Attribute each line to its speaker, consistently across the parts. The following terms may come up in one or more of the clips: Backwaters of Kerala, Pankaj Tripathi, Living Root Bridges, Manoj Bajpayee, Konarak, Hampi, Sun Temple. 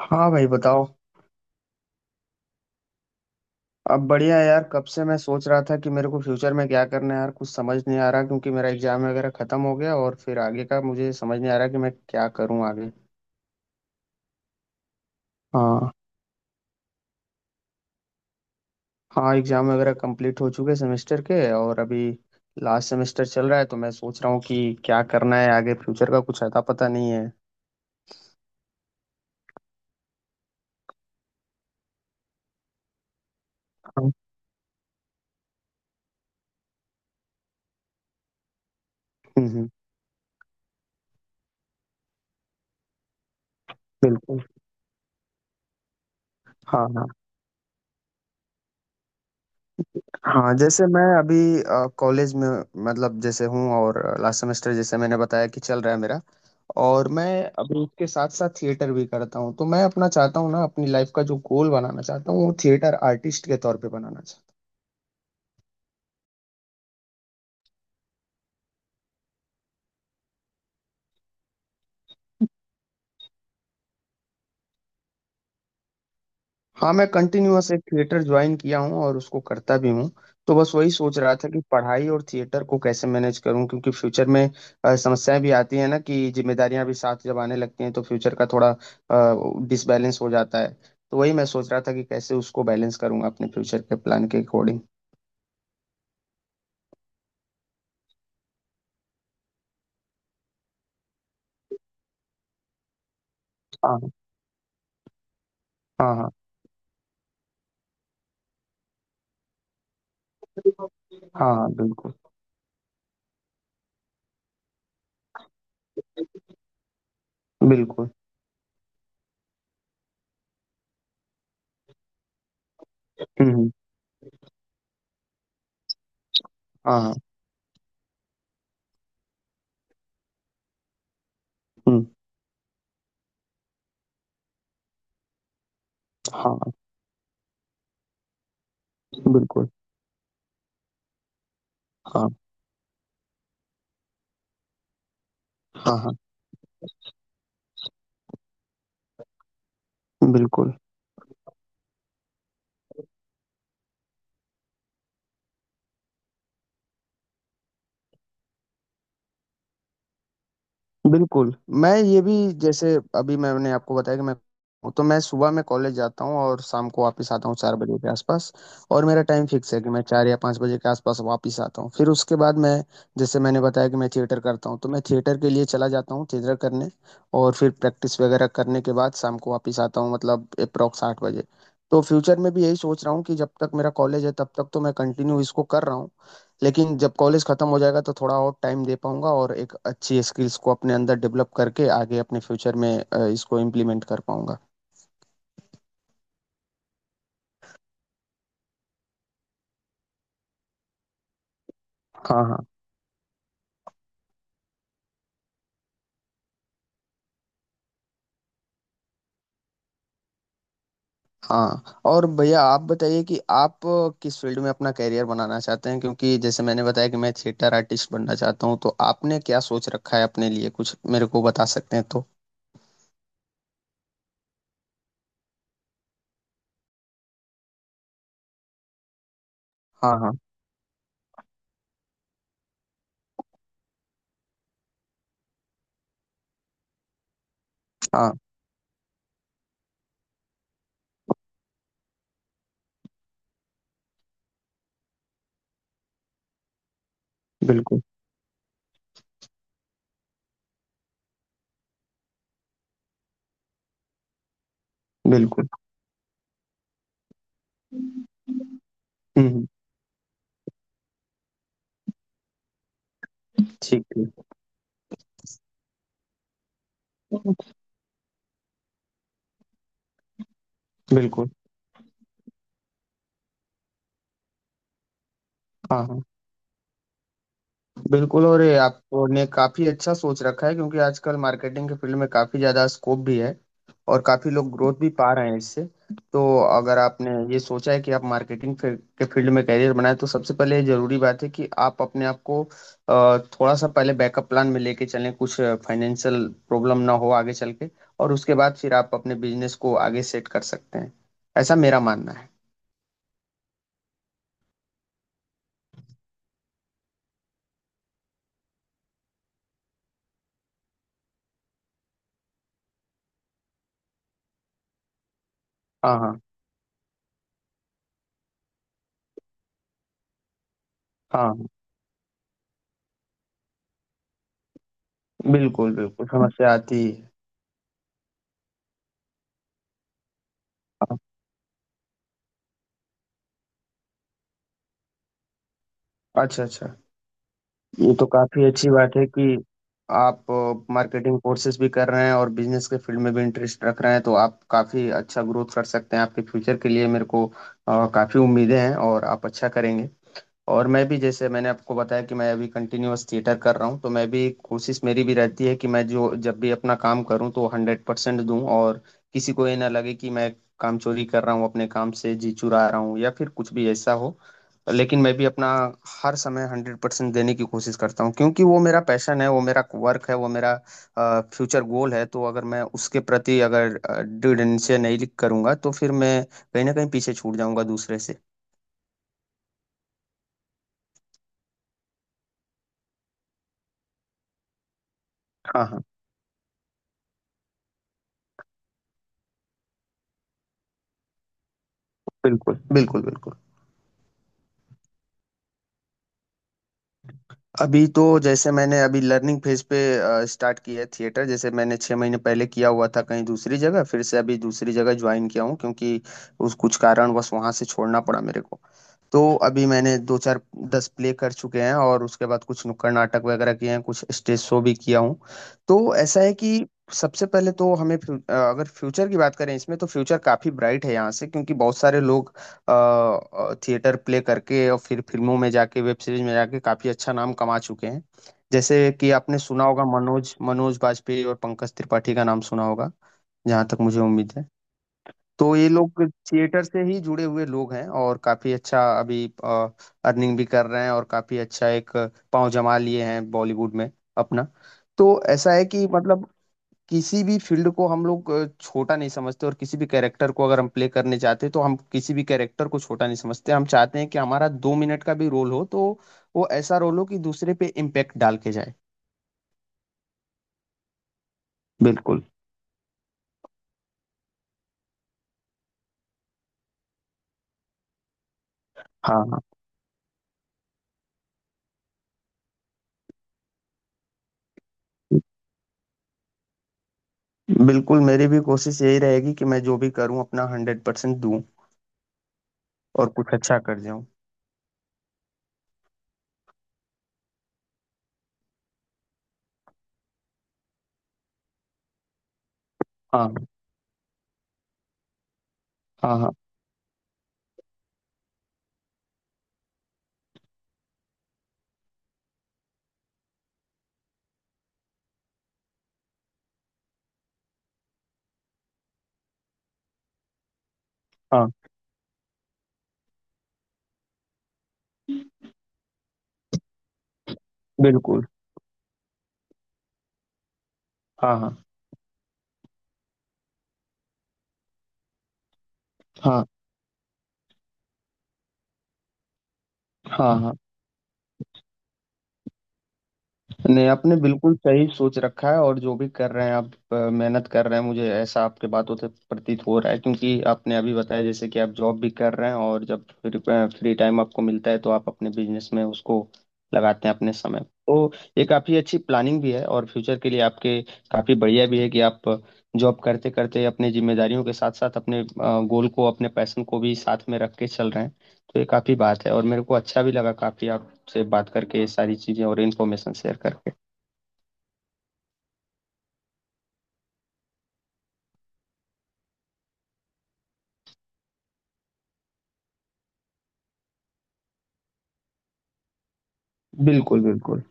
Speaker 1: हाँ भाई बताओ। अब बढ़िया है यार। कब से मैं सोच रहा था कि मेरे को फ्यूचर में क्या करना है यार, कुछ समझ नहीं आ रहा क्योंकि मेरा एग्जाम वगैरह खत्म हो गया और फिर आगे का मुझे समझ नहीं आ रहा कि मैं क्या करूँ आगे। हाँ, हाँ एग्जाम वगैरह कंप्लीट हो चुके सेमेस्टर के, और अभी लास्ट सेमेस्टर चल रहा है तो मैं सोच रहा हूँ कि क्या करना है आगे, फ्यूचर का कुछ अता पता नहीं है। हाँ, हम्म हम्म, बिल्कुल। हाँ हाँ। हाँ जैसे मैं अभी कॉलेज में मतलब जैसे हूँ, और लास्ट सेमेस्टर जैसे मैंने बताया कि चल रहा है मेरा। और मैं अभी उसके साथ साथ थिएटर भी करता हूँ, तो मैं अपना चाहता हूँ ना, अपनी लाइफ का जो गोल बनाना चाहता हूँ वो थिएटर आर्टिस्ट के तौर पे बनाना चाहता हूँ। हाँ मैं कंटिन्यूअस एक थिएटर ज्वाइन किया हूँ और उसको करता भी हूँ। तो बस वही सोच रहा था कि पढ़ाई और थिएटर को कैसे मैनेज करूँ क्योंकि फ्यूचर में समस्याएं भी आती है ना, कि जिम्मेदारियां भी साथ जब आने लगती हैं तो फ्यूचर का थोड़ा डिसबैलेंस हो जाता है। तो वही मैं सोच रहा था कि कैसे उसको बैलेंस करूंगा अपने फ्यूचर के प्लान के अकॉर्डिंग। हाँ हाँ। हाँ हाँ हाँ। बिल्कुल। बिल्कुल। हम्म हम्म। हाँ, हुँ, हाँ, बिल्कुल, हाँ, हाँ, हाँ, बिल्कुल, बिल्कुल। मैं ये भी, जैसे अभी मैंने आपको बताया कि मैं, तो मैं सुबह में कॉलेज जाता हूँ और शाम को वापस आता हूँ 4 बजे के आसपास। और मेरा टाइम फिक्स है कि मैं 4 या 5 बजे के आसपास वापस आता हूँ। फिर उसके बाद मैं, जैसे मैंने बताया कि मैं थिएटर करता हूँ, तो मैं थिएटर के लिए चला जाता हूँ, थिएटर करने। और फिर प्रैक्टिस वगैरह करने के बाद शाम को वापस आता हूँ, मतलब एप्रॉक्स 8 बजे। तो फ्यूचर में भी यही सोच रहा हूँ कि जब तक मेरा कॉलेज है तब तक तो मैं कंटिन्यू इसको कर रहा हूँ। लेकिन जब कॉलेज खत्म हो जाएगा तो थोड़ा और टाइम दे पाऊंगा और एक अच्छी स्किल्स को अपने अंदर डेवलप करके आगे अपने फ्यूचर में इसको इम्प्लीमेंट कर पाऊंगा। हाँ हाँ। हाँ और भैया आप बताइए कि आप किस फील्ड में अपना कैरियर बनाना चाहते हैं, क्योंकि जैसे मैंने बताया कि मैं थिएटर आर्टिस्ट बनना चाहता हूँ, तो आपने क्या सोच रखा है अपने लिए, कुछ मेरे को बता सकते हैं तो। हाँ हाँ। हाँ बिल्कुल। बिल्कुल। हम्म हम्म, ठीक। ठीक। बिल्कुल। हाँ हाँ बिल्कुल, और ये आपने काफी अच्छा सोच रखा है क्योंकि आजकल मार्केटिंग के फील्ड में काफी ज्यादा स्कोप भी है, और काफी लोग ग्रोथ भी पा रहे हैं इससे। तो अगर आपने ये सोचा है कि आप मार्केटिंग के फील्ड में करियर बनाए, तो सबसे पहले ये जरूरी बात है कि आप अपने आप को थोड़ा सा पहले बैकअप प्लान में लेके चलें, कुछ फाइनेंशियल प्रॉब्लम ना हो आगे चल के। और उसके बाद फिर आप अपने बिजनेस को आगे सेट कर सकते हैं। ऐसा मेरा मानना है। हाँ हाँ। हाँ। बिल्कुल। बिल्कुल समस्या आती है। हाँ। अच्छा अच्छा। ये तो काफी अच्छी बात है कि आप मार्केटिंग कोर्सेज भी कर रहे हैं और बिजनेस के फील्ड में भी इंटरेस्ट रख रहे हैं, तो आप काफी अच्छा ग्रोथ कर सकते हैं, आपके फ्यूचर के लिए मेरे को काफी उम्मीदें हैं और आप अच्छा करेंगे। और मैं भी, जैसे मैंने आपको बताया कि मैं अभी कंटिन्यूअस थिएटर कर रहा हूँ, तो मैं भी कोशिश, मेरी भी रहती है कि मैं जो जब भी अपना काम करूँ तो 100% दूँ। और किसी को ये ना लगे कि मैं काम चोरी कर रहा हूँ, अपने काम से जी चुरा रहा हूँ, या फिर कुछ भी ऐसा हो। लेकिन मैं भी अपना हर समय 100% देने की कोशिश करता हूँ, क्योंकि वो मेरा पैशन है, वो मेरा वर्क है, वो मेरा फ्यूचर गोल है। तो अगर मैं उसके प्रति अगर दृढ़ निश्चय नहीं करूंगा, तो फिर मैं कहीं ना कहीं पीछे छूट जाऊंगा दूसरे से। हाँ हाँ। बिल्कुल। बिल्कुल बिल्कुल। अभी तो, जैसे मैंने अभी लर्निंग फेज पे स्टार्ट किया है थिएटर, जैसे मैंने 6 महीने पहले किया हुआ था कहीं दूसरी जगह, फिर से अभी दूसरी जगह ज्वाइन किया हूँ क्योंकि उस कुछ कारणवश वहाँ से छोड़ना पड़ा मेरे को। तो अभी मैंने दो चार दस प्ले कर चुके हैं, और उसके बाद कुछ नुक्कड़ नाटक वगैरह किए हैं, कुछ स्टेज शो भी किया हूँ। तो ऐसा है कि सबसे पहले तो हमें अगर फ्यूचर की बात करें इसमें, तो फ्यूचर काफी ब्राइट है यहाँ से, क्योंकि बहुत सारे लोग थिएटर प्ले करके और फिर फिल्मों में जाके, वेब सीरीज में जाके काफी अच्छा नाम कमा चुके हैं। जैसे कि आपने सुना होगा, मनोज मनोज बाजपेयी और पंकज त्रिपाठी का नाम सुना होगा, जहाँ तक मुझे उम्मीद है। तो ये लोग थिएटर से ही जुड़े हुए लोग हैं, और काफी अच्छा अभी अर्निंग भी कर रहे हैं, और काफी अच्छा एक पांव जमा लिए हैं बॉलीवुड में अपना। तो ऐसा है कि मतलब किसी भी फील्ड को हम लोग छोटा नहीं समझते, और किसी भी कैरेक्टर को अगर हम प्ले करने चाहते हैं तो हम किसी भी कैरेक्टर को छोटा नहीं समझते, हम चाहते हैं कि हमारा 2 मिनट का भी रोल हो तो वो ऐसा रोल हो कि दूसरे पे इम्पेक्ट डाल के जाए। बिल्कुल। हाँ हाँ। बिल्कुल मेरी भी कोशिश यही रहेगी कि मैं जो भी करूँ अपना 100% दूँ, और कुछ अच्छा कर जाऊँ। हाँ हाँ। हाँ हाँ बिल्कुल। हाँ हाँ। हाँ हाँ। हाँ नहीं आपने बिल्कुल सही सोच रखा है, और जो भी कर रहे हैं आप, मेहनत कर रहे हैं, मुझे ऐसा आपके बातों से प्रतीत हो रहा है, क्योंकि आपने अभी बताया जैसे कि आप जॉब भी कर रहे हैं, और जब फ्री टाइम आपको मिलता है तो आप अपने बिजनेस में उसको लगाते हैं अपने समय। तो ये काफ़ी अच्छी प्लानिंग भी है, और फ्यूचर के लिए आपके काफ़ी बढ़िया भी है कि आप जॉब करते करते अपने जिम्मेदारियों के साथ साथ अपने गोल को, अपने पैशन को भी साथ में रख के चल रहे हैं। तो ये काफ़ी बात है, और मेरे को अच्छा भी लगा, काफ़ी आपसे बात करके, ये सारी चीज़ें और इन्फॉर्मेशन शेयर करके। बिल्कुल, बिल्कुल।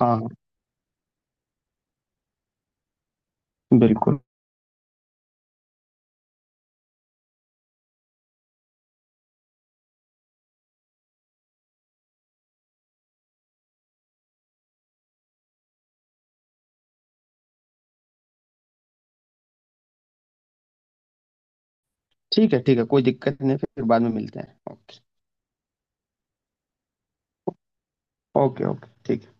Speaker 1: हाँ, हाँ, बिल्कुल। ठीक है, कोई दिक्कत नहीं, फिर बाद में मिलते हैं। ओके, ओके, ओके, ठीक। है।